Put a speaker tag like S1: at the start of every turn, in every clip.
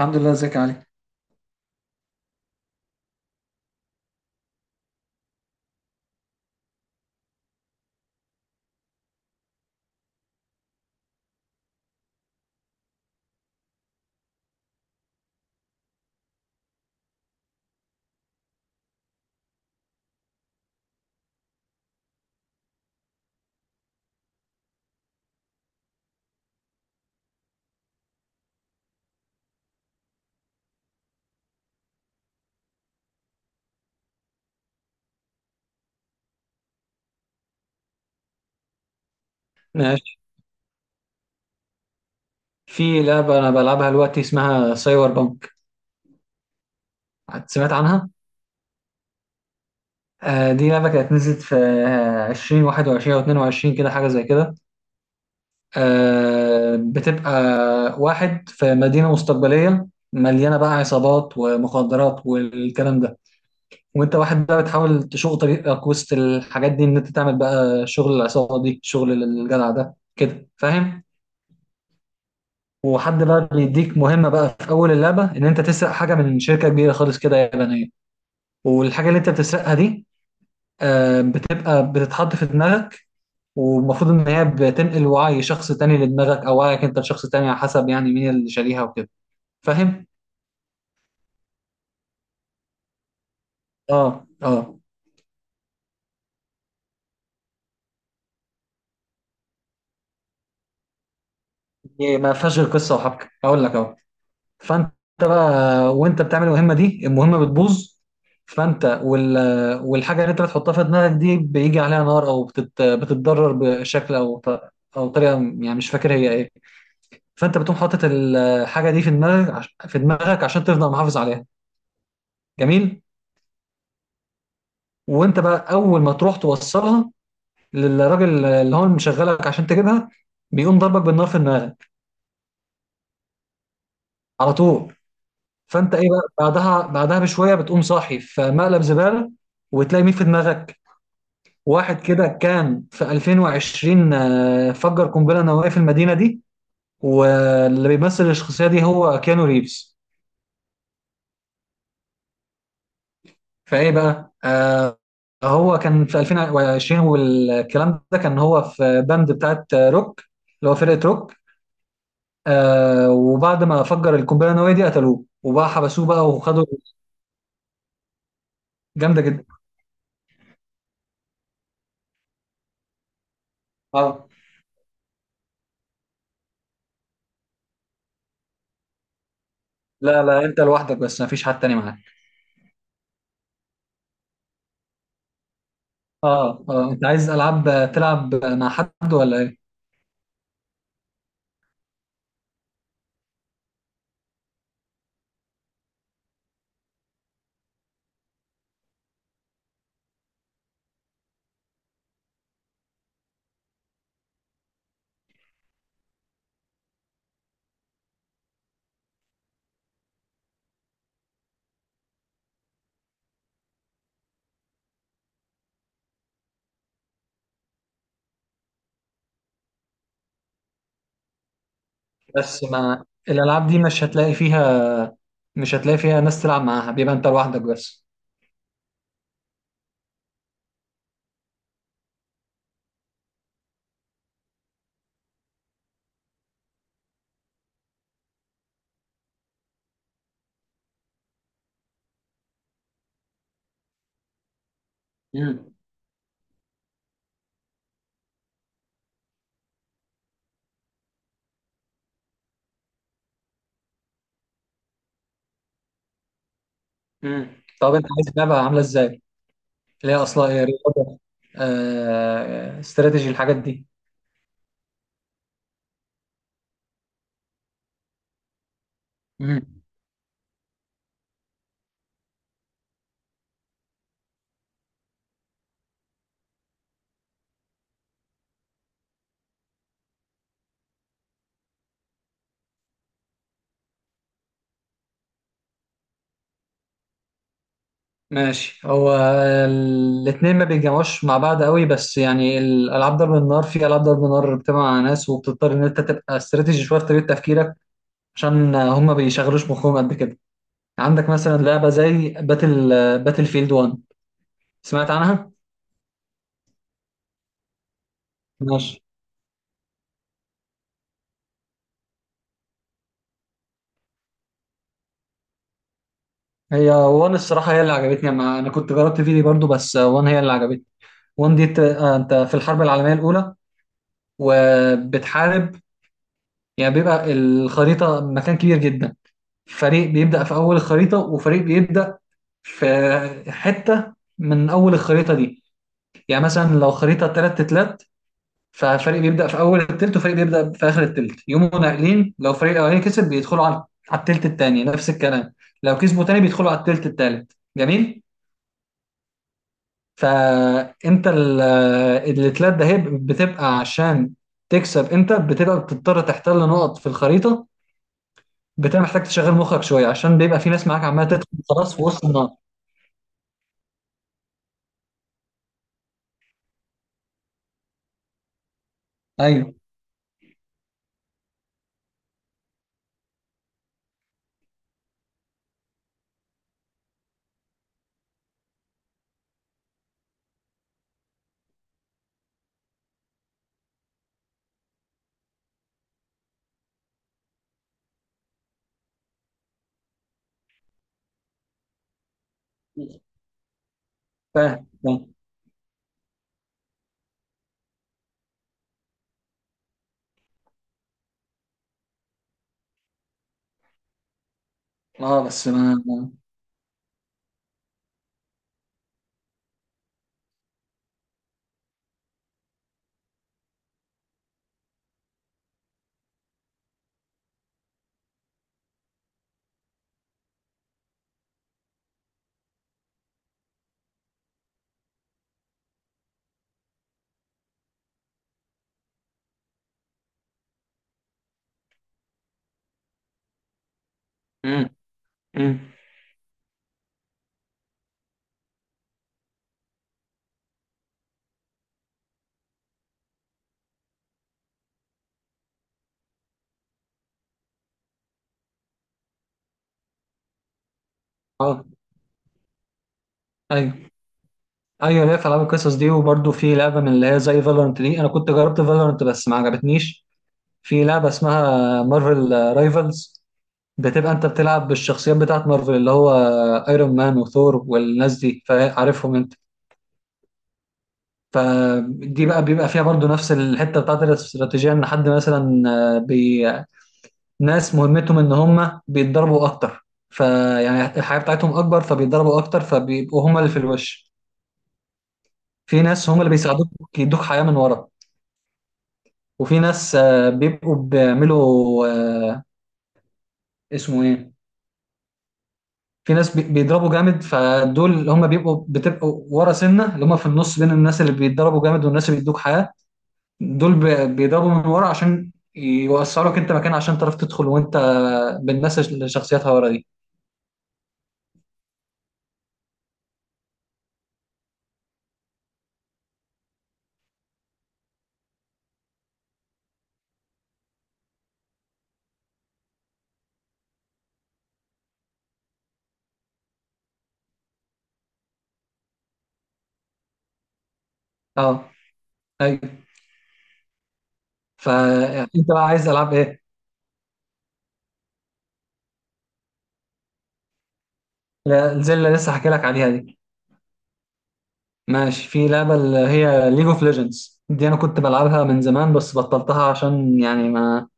S1: الحمد لله. ازيك يا علي؟ ماشي. في لعبة أنا بلعبها دلوقتي اسمها سايبر بانك. سمعت عنها؟ دي لعبة كانت نزلت في عشرين واحد وعشرين أو اتنين وعشرين، كده حاجة زي كده. بتبقى واحد في مدينة مستقبلية مليانة بقى عصابات ومخدرات والكلام ده. وانت واحد بقى بتحاول تشق طريقك وسط الحاجات دي، ان انت تعمل بقى شغل العصابة دي، شغل الجدع ده كده، فاهم؟ وحد بقى بيديك مهمة بقى في أول اللعبة إن أنت تسرق حاجة من شركة كبيرة خالص كده يابانية. والحاجة اللي أنت بتسرقها دي بتبقى بتتحط في دماغك. والمفروض إن هي بتنقل وعي شخص تاني لدماغك أو وعيك أنت لشخص تاني، على حسب يعني مين اللي شاريها وكده، فاهم؟ آه، آه. هي ما فيهاش غير قصة وحبكة، أقول لك أهو. فانت بقى، وانت بتعمل المهمه دي، المهمه بتبوظ. فانت وال والحاجه اللي انت بتحطها في دماغك دي بيجي عليها نار، او بتتضرر بشكل او او طريقه، يعني مش فاكر هي ايه. فانت بتقوم حاطط الحاجه دي في دماغك عشان تفضل محافظ عليها. جميل. وانت بقى اول ما تروح توصلها للراجل اللي هو مشغلك عشان تجيبها، بيقوم ضربك بالنار في دماغك. على طول. فانت ايه بقى بعدها بشويه بتقوم صاحي في مقلب زباله، وتلاقي مين في دماغك؟ واحد كده كان في 2020، فجر قنبلة نووية في المدينة دي، واللي بيمثل الشخصية دي هو كيانو ريفز. فايه بقى، هو كان في 2020 والكلام ده، كان هو في باند بتاعت روك، اللي هو فرقة روك. وبعد ما فجر القنبلة النووية دي قتلوه وبقى حبسوه بقى وخدوا. جامدة جدا. اه. لا لا، انت لوحدك بس، مفيش حد تاني معاك. اه، اه، انت عايز العاب تلعب مع حد ولا ايه؟ بس ما الالعاب دي مش هتلاقي فيها ناس تلعب معاها، بيبقى انت لوحدك بس. امم طب انت عايز لعبه عامله ازاي؟ اللي هي اصلا رياضه، استراتيجي، الحاجات دي. امم ماشي. هو الاثنين ما بيتجمعوش مع بعض قوي، بس يعني الالعاب ضرب النار، في العاب ضرب النار بتجمع مع ناس وبتضطر ان انت تبقى استراتيجي شويه في طريقه تفكيرك، عشان هم بيشغلوش مخهم قد كده. عندك مثلا لعبه زي باتل فيلد 1، سمعت عنها؟ ماشي. هي وان الصراحة هي اللي عجبتني، أنا كنت جربت فيدي برضو بس وان هي اللي عجبتني. أنت في الحرب العالمية الأولى وبتحارب، يعني بيبقى الخريطة مكان كبير جدا. فريق بيبدأ في أول الخريطة وفريق بيبدأ في حتة من أول الخريطة دي. يعني مثلا لو خريطة تلات تلات ففريق بيبدأ في أول التلت وفريق بيبدأ في آخر التلت، يقوموا ناقلين. لو فريق الأولاني كسب بيدخلوا على التلت التاني، نفس الكلام. لو كسبوا تاني بيدخلوا على التلت التالت. جميل. فانت الاتلات ده هي بتبقى عشان تكسب، انت بتبقى بتضطر تحتل نقط في الخريطه. بتبقى محتاج تشغل مخك شويه عشان بيبقى في ناس معاك عماله تدخل خلاص في وسط النار. ايوه. فاهم، فاهم. اه، بس امم امم اه، ايوه، ايوه، ليا في العاب القصص دي. وبرده في لعبه من اللي هي زي فالورنت دي، انا كنت جربت فالورنت بس ما عجبتنيش. في لعبه اسمها مارفل رايفلز، بتبقى انت بتلعب بالشخصيات بتاعت مارفل، اللي هو ايرون مان وثور والناس دي، فعارفهم انت. فدي بقى بيبقى فيها برضو نفس الحته بتاعت الاستراتيجيه، ان حد مثلا آه، بي... ناس مهمتهم ان هم بيتضربوا اكتر، فيعني الحياه بتاعتهم اكبر فبيتضربوا اكتر فبيبقوا هم اللي في الوش. في ناس هم اللي بيساعدوك، يدوك حياه من ورا. وفي ناس بيبقوا بيعملوا، اسمه ايه، في ناس بيضربوا جامد، فدول اللي هم بيبقوا بتبقوا ورا سنه اللي هم في النص بين الناس اللي بيتضربوا جامد والناس اللي بيدوك حياه. دول بيضربوا من ورا عشان يوسعوا لك انت مكان عشان تعرف تدخل وانت بالناس اللي شخصياتها ورا دي. اه، ايوه. فانت بقى عايز العاب ايه؟ لا، زي اللي لسه حكي لك عليها دي. ماشي. في لعبه اللي هي ليج اوف ليجندز دي، انا كنت بلعبها من زمان بس بطلتها، عشان يعني ما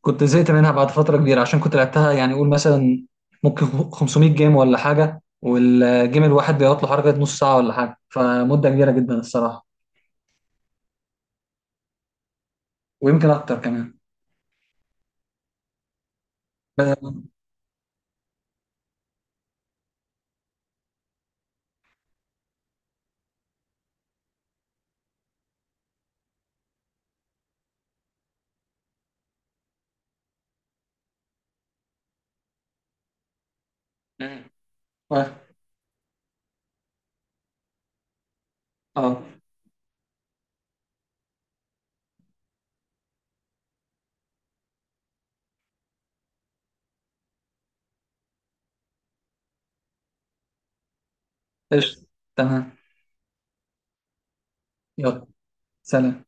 S1: كنت زهقت منها بعد فترة كبيرة عشان كنت لعبتها يعني قول مثلا ممكن 500 جيم ولا حاجة، والجيم الواحد بيقعد له حركة نص ساعة ولا حاجة، فمدة كبيرة جدا الصراحة. ويمكن أكتر كمان. ب- مم. اه. آه. قشطة. تمام. يلا. سلام.